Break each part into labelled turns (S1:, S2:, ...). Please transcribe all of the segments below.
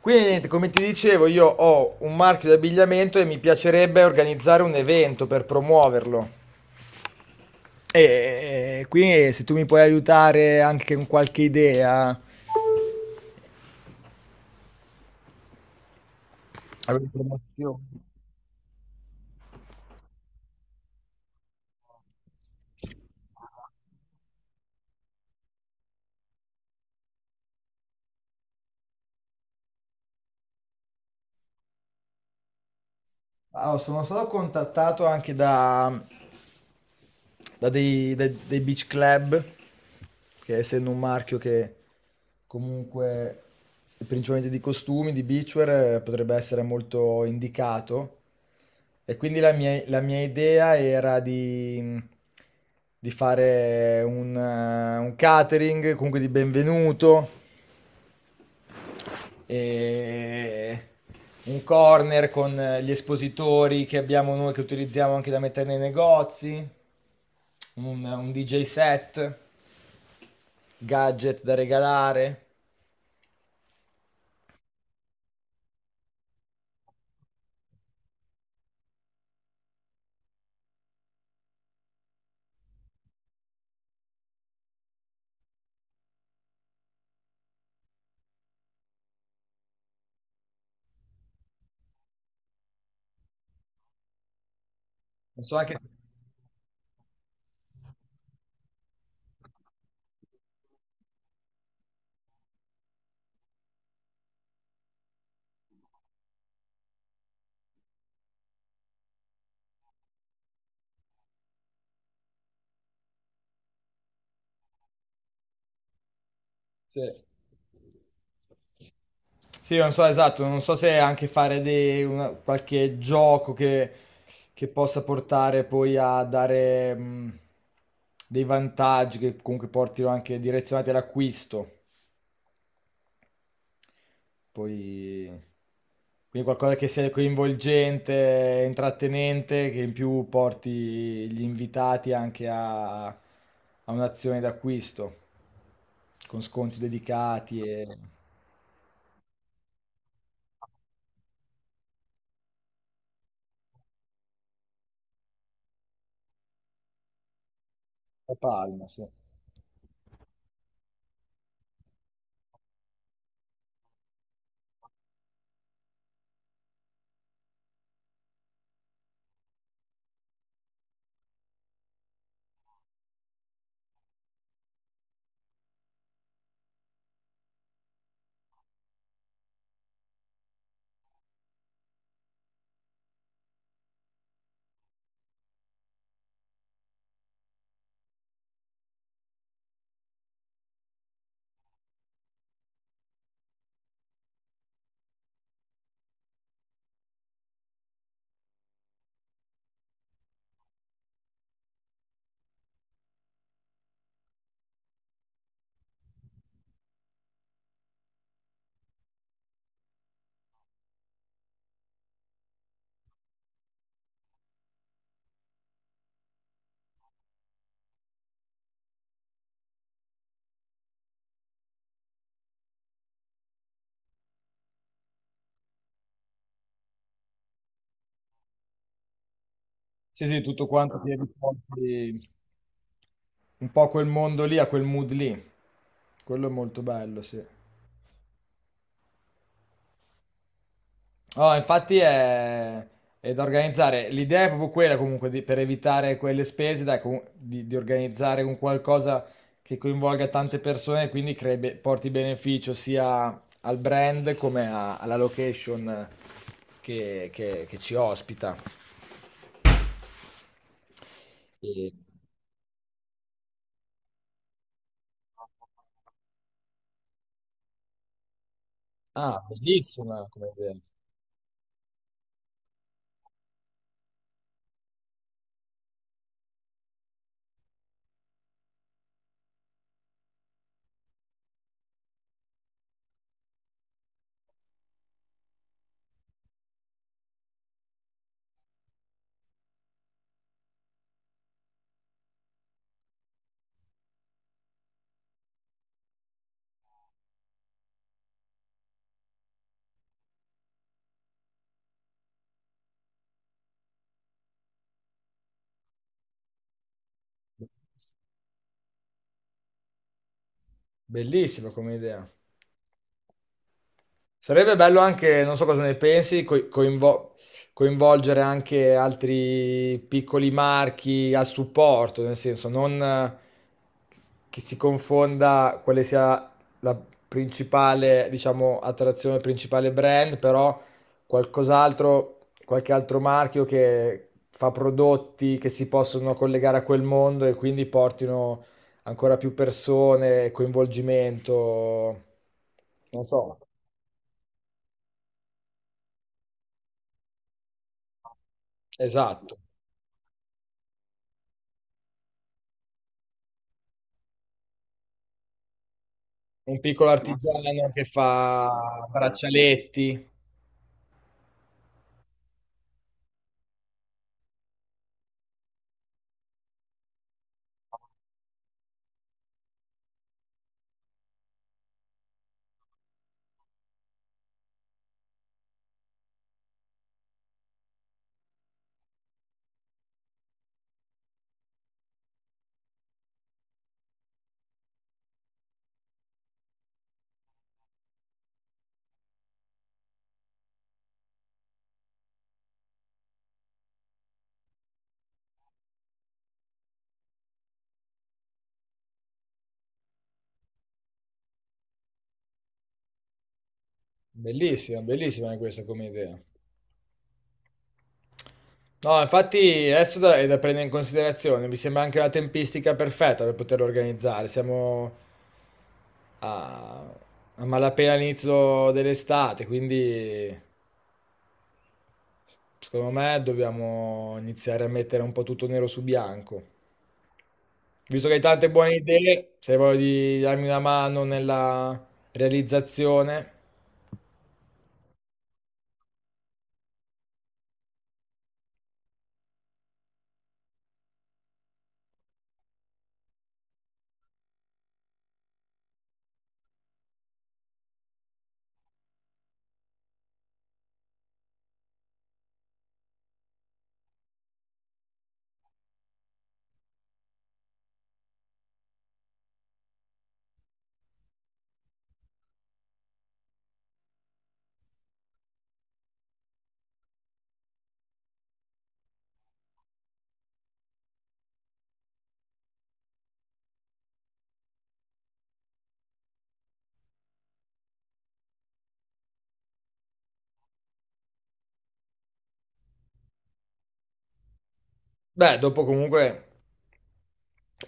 S1: Quindi niente, come ti dicevo, io ho un marchio di abbigliamento e mi piacerebbe organizzare un evento per promuoverlo. E quindi se tu mi puoi aiutare anche con qualche idea, a una promozione. Allora, sono stato contattato anche da, dei beach club, che essendo un marchio che comunque è principalmente di costumi, di beachwear, potrebbe essere molto indicato. E quindi la mia idea era di fare un catering, comunque di benvenuto, e un corner con gli espositori che abbiamo noi che utilizziamo anche da mettere nei negozi, un DJ set, gadget da regalare. Non so anche se... Sì, non so esatto, non so se anche qualche gioco che possa portare poi a dare dei vantaggi che comunque portino anche direzionati all'acquisto. Poi, quindi qualcosa che sia coinvolgente, intrattenente, che in più porti gli invitati anche a un'azione d'acquisto, con sconti dedicati e palma, sì. Sì, sì, tutto quanto ti riporti un po' a quel mondo lì, a quel mood lì. Quello è molto bello, sì. Oh, è da organizzare. L'idea è proprio quella comunque per evitare quelle spese, dai, di organizzare un qualcosa che coinvolga tante persone e quindi porti beneficio sia al brand come alla location che, che ci ospita. E- Ah, bellissima come idea. Bellissima come idea. Sarebbe bello anche, non so cosa ne pensi, coinvolgere anche altri piccoli marchi a supporto, nel senso non che si confonda quale sia la principale, diciamo, attrazione, il principale brand, però qualcos'altro, qualche altro marchio che fa prodotti che si possono collegare a quel mondo e quindi portino ancora più persone, coinvolgimento, non so. Esatto, un piccolo artigiano che fa braccialetti. Bellissima, bellissima anche questa come idea. No, infatti adesso è da prendere in considerazione, mi sembra anche una tempistica perfetta per poterlo organizzare. Siamo a, a malapena all'inizio dell'estate, quindi secondo me dobbiamo iniziare a mettere un po' tutto nero su bianco. Visto che hai tante buone idee, se hai voglia di darmi una mano nella realizzazione. Beh, dopo comunque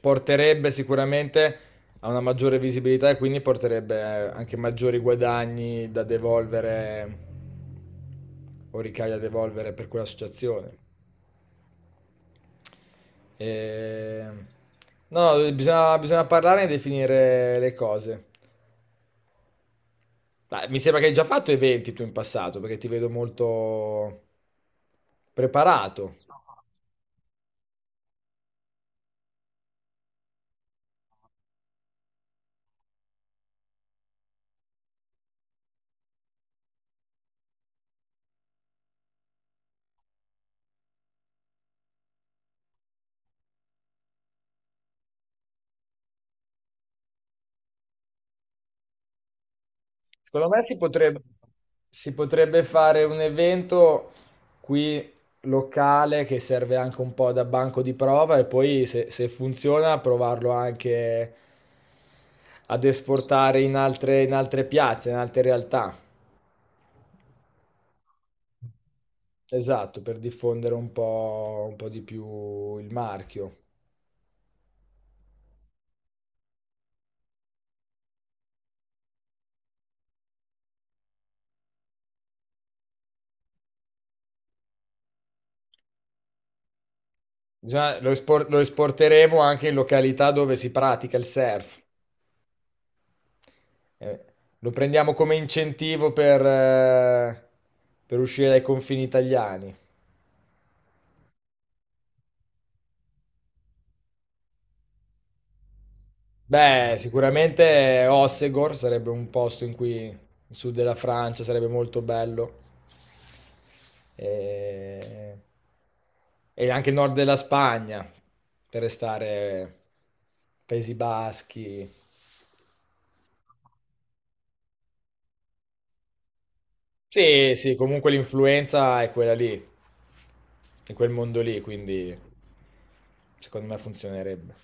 S1: porterebbe sicuramente a una maggiore visibilità e quindi porterebbe anche maggiori guadagni da devolvere o ricavi da devolvere per quell'associazione. E... No, bisogna parlare e definire le cose. Dai, mi sembra che hai già fatto eventi tu in passato, perché ti vedo molto preparato. Secondo me si potrebbe fare un evento qui locale che serve anche un po' da banco di prova e poi se funziona provarlo anche ad esportare in altre piazze, in altre realtà. Esatto, per diffondere un po' di più il marchio. Lo esporteremo anche in località dove si pratica il surf. Eh, Lo prendiamo come incentivo per uscire dai confini italiani. Beh, sicuramente Ossegor sarebbe un posto in cui il sud della Francia sarebbe molto bello. E, e anche il nord della Spagna, per restare Paesi Baschi. Sì, sì, comunque l'influenza è quella lì, in quel mondo lì, quindi secondo me funzionerebbe.